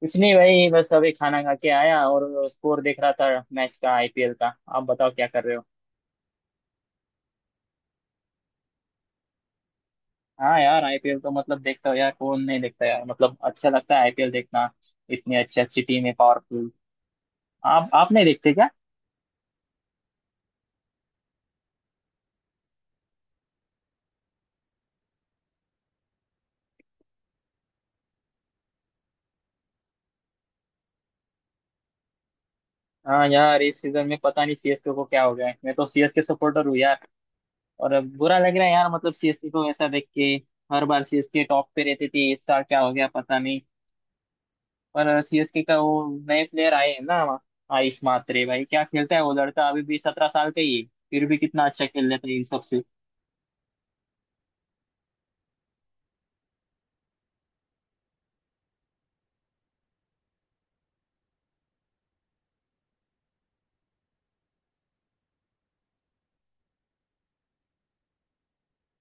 कुछ नहीं भाई, बस अभी खाना खा के आया और स्कोर देख रहा था। मैच का, आईपीएल का। आप बताओ क्या कर रहे हो? हाँ यार, आईपीएल तो मतलब देखता हूँ यार, कौन नहीं देखता यार, मतलब अच्छा लगता है आईपीएल देखना। इतनी अच्छी अच्छी टीम है, पावरफुल। आप नहीं देखते क्या? हाँ यार, इस सीजन में पता नहीं सीएसके को क्या हो गया है। मैं तो सीएसके सपोर्टर हूँ यार, और अब बुरा लग रहा है यार, मतलब सीएसके को ऐसा देख के। हर बार सीएसके टॉप पे रहती थी, इस साल क्या हो गया पता नहीं। पर सीएसके का वो नए प्लेयर आए हैं ना, आयुष मात्रे, भाई क्या खेलता है वो लड़का। अभी भी 17 साल का ही है, फिर भी कितना अच्छा खेल लेता है इन सबसे।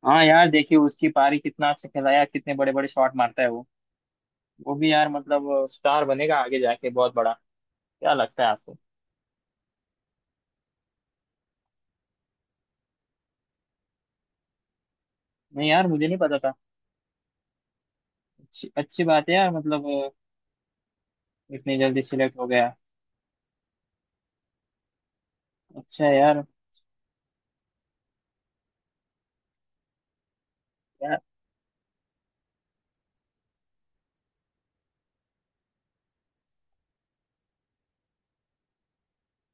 हाँ यार, देखिए उसकी पारी, कितना अच्छा खिलाया, कितने बड़े बड़े शॉट मारता है वो। वो भी यार मतलब स्टार बनेगा आगे जाके, बहुत बड़ा। क्या लगता है आपको? नहीं यार, मुझे नहीं पता था। अच्छी अच्छी बात है यार, मतलब इतनी जल्दी सिलेक्ट हो गया, अच्छा है यार। यार।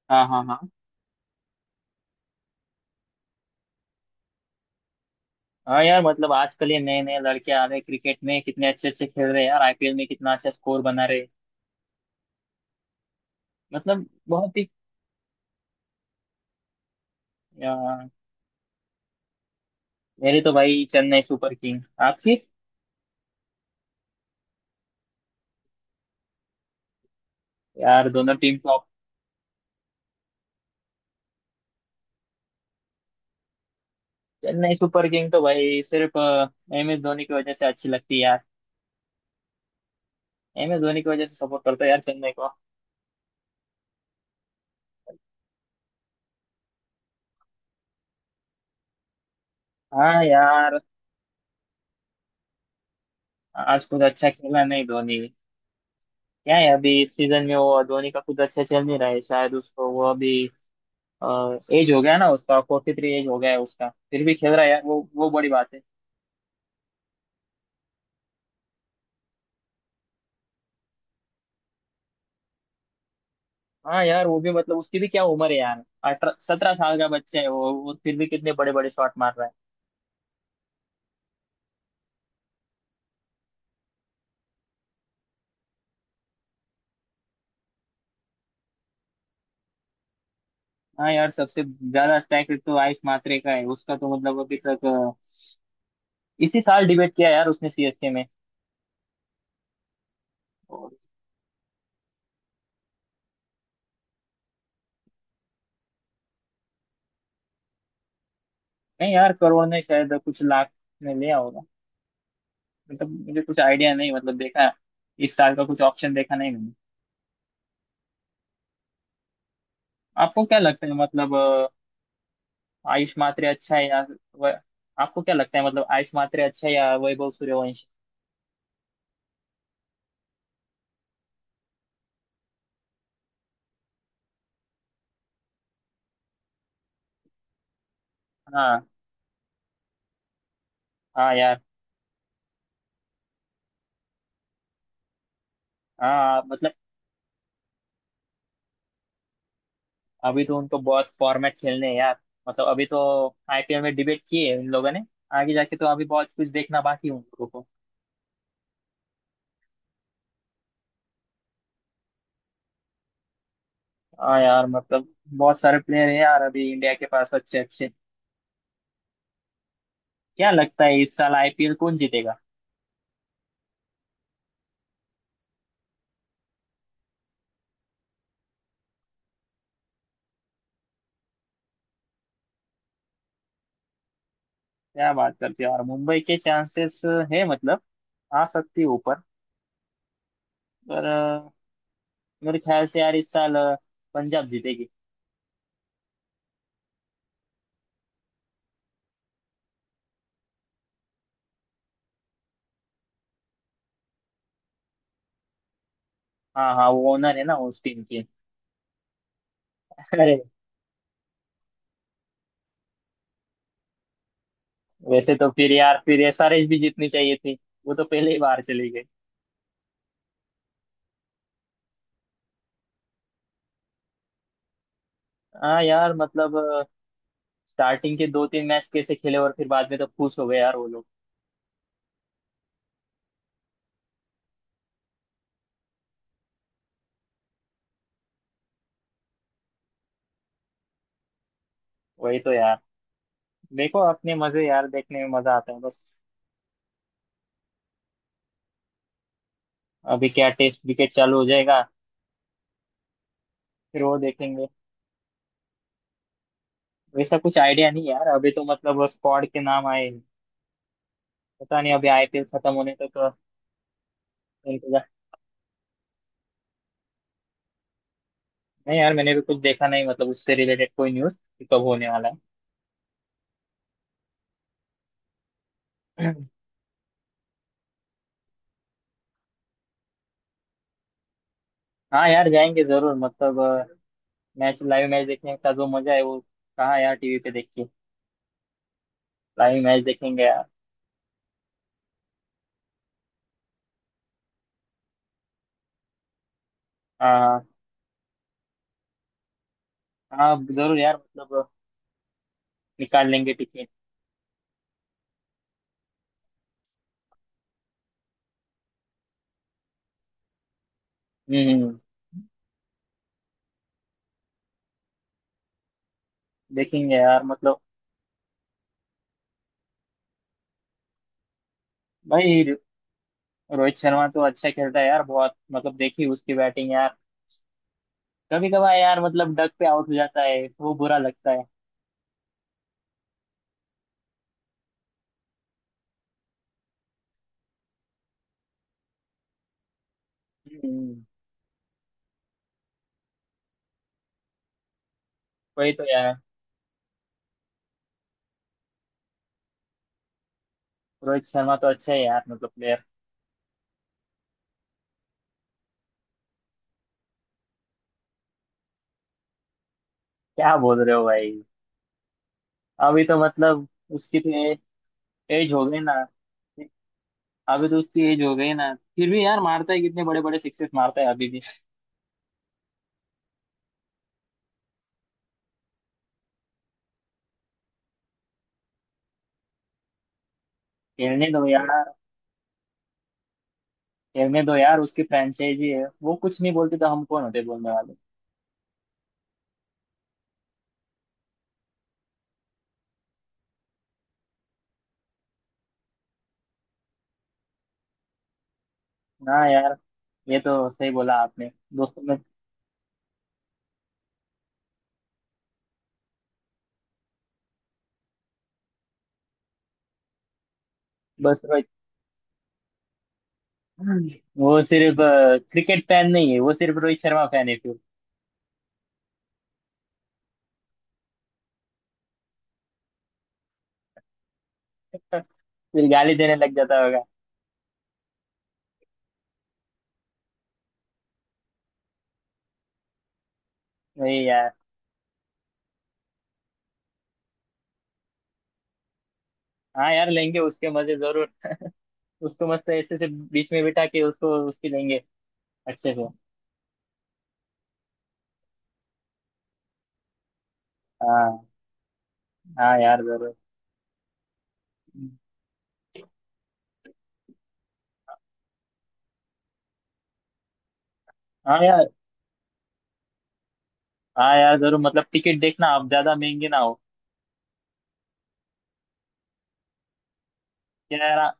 हाँ हाँ हाँ। हाँ यार मतलब आजकल ये नए नए लड़के आ रहे हैं क्रिकेट में, कितने अच्छे अच्छे खेल रहे हैं यार, आईपीएल में कितना अच्छा स्कोर बना रहे हैं। मतलब बहुत ही। यार मेरी तो भाई चेन्नई सुपर किंग। आपकी? यार दोनों team top. Chennai super king तो भाई सिर्फ एम एस धोनी की वजह से अच्छी लगती है यार। एम एस धोनी की वजह से सपोर्ट करता है यार चेन्नई को। हाँ यार, आज कुछ अच्छा खेला नहीं धोनी। क्या है, अभी इस सीजन में वो धोनी का कुछ अच्छा चल नहीं रहा है शायद, उसको वो अभी एज हो गया ना उसका, 43 एज हो गया है उसका, फिर भी खेल रहा है यार, वो बड़ी बात है। हाँ यार, वो भी मतलब उसकी भी क्या उम्र है यार, 18 17 साल का बच्चा है, वो फिर भी कितने बड़े बड़े शॉट मार रहा है। हाँ यार सबसे ज्यादा स्ट्राइक रेट तो आयुष मात्रे का है। उसका तो मतलब अभी तक इसी साल डिबेट किया यार उसने सीएसके में। और नहीं यार, करोड़ ने शायद, कुछ लाख में लिया होगा। मतलब मुझे कुछ आइडिया नहीं, मतलब देखा, इस साल का कुछ ऑप्शन देखा नहीं मैंने। आपको क्या लगता है, मतलब आयुष मात्रे अच्छा है या व, आपको क्या लगता है, मतलब आयुष मात्रे अच्छा है या वैभव सूर्यवंशी? हाँ। हाँ यार। हाँ मतलब अभी तो उनको बहुत फॉर्मेट खेलने हैं यार, मतलब अभी तो आईपीएल में डिबेट किए हैं इन लोगों ने, आगे जाके तो अभी बहुत कुछ देखना बाकी है उन लोगों को। हाँ यार मतलब बहुत सारे प्लेयर हैं यार अभी इंडिया के पास, अच्छे अच्छे। क्या लगता है इस साल आईपीएल कौन जीतेगा? क्या बात करते हो यार, मुंबई के चांसेस है मतलब, आ सकती है ऊपर। पर मेरे ख्याल से यार इस साल पंजाब जीतेगी। हाँ हाँ, वो ओनर है ना उस टीम की। अरे, वैसे तो फिर यार, फिर एसआरएच भी जीतनी चाहिए थी, वो तो पहले ही बाहर चली गई। हाँ यार मतलब स्टार्टिंग के 2-3 मैच कैसे खेले और फिर बाद में तो खुश हो गए यार वो लोग। वही तो यार, देखो अपने मजे यार, देखने में मजा आता है बस। अभी क्या टेस्ट विकेट चालू हो जाएगा, फिर वो देखेंगे। वैसा कुछ आइडिया नहीं यार, अभी तो मतलब स्क्वाड के नाम आए हैं। पता नहीं, अभी आईपीएल खत्म होने तक तो इंतजार। नहीं यार, मैंने भी कुछ देखा नहीं, मतलब उससे रिलेटेड कोई न्यूज कब होने वाला है। हाँ यार जाएंगे जरूर, मतलब मैच, लाइव मैच देखने का जो मजा है, वो कहाँ यार, टीवी पे देख के। लाइव मैच देखेंगे यार। हाँ। हाँ जरूर यार, मतलब निकाल लेंगे टिकट। हम्म। देखेंगे यार मतलब। भाई रोहित शर्मा तो अच्छा खेलता है यार बहुत, मतलब देखी उसकी बैटिंग यार। कभी कभार यार मतलब डक पे आउट हो जाता है वो, बुरा लगता है। हम्म। वही तो यार, रोहित शर्मा तो अच्छा है यार मतलब प्लेयर। क्या बोल रहे हो भाई? अभी तो मतलब उसकी तो एज हो गई ना। अभी तो उसकी एज हो गई ना, फिर भी यार मारता है कितने बड़े बड़े सिक्सेस मारता है अभी भी। खेलने दो यार। खेलने दो यार, उसकी फ्रेंचाइजी है, वो कुछ नहीं बोलती तो हम कौन होते बोलने वाले? हाँ यार, ये तो सही बोला आपने। दोस्तों में। बस रोहित, वो सिर्फ, क्रिकेट फैन नहीं है, वो सिर्फ रोहित शर्मा फैन है फिर। फिर गाली देने लग जाता होगा। वही यार, हाँ यार लेंगे उसके मजे जरूर। उसको मस्त ऐसे से बीच में बिठा के उसको उसकी लेंगे, अच्छे से। हाँ हाँ यार जरूर। हाँ यार। हाँ यार जरूर मतलब, टिकट देखना आप ज्यादा महंगे ना हो। क्या यार,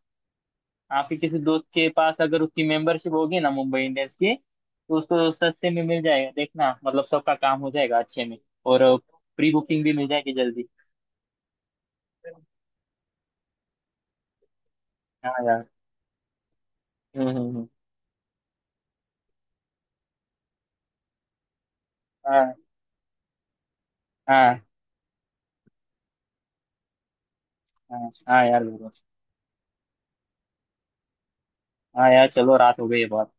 आपके किसी दोस्त के पास अगर उसकी मेंबरशिप होगी ना मुंबई इंडियंस की, तो उसको सस्ते में मिल जाएगा, देखना मतलब सबका काम हो जाएगा अच्छे में। और प्री बुकिंग भी मिल जाएगी जल्दी। हाँ यार। हम्म हम्म हम्म। हाँ हाँ हाँ। हाँ यार जरूर। हाँ यार चलो, रात हो गई है बहुत।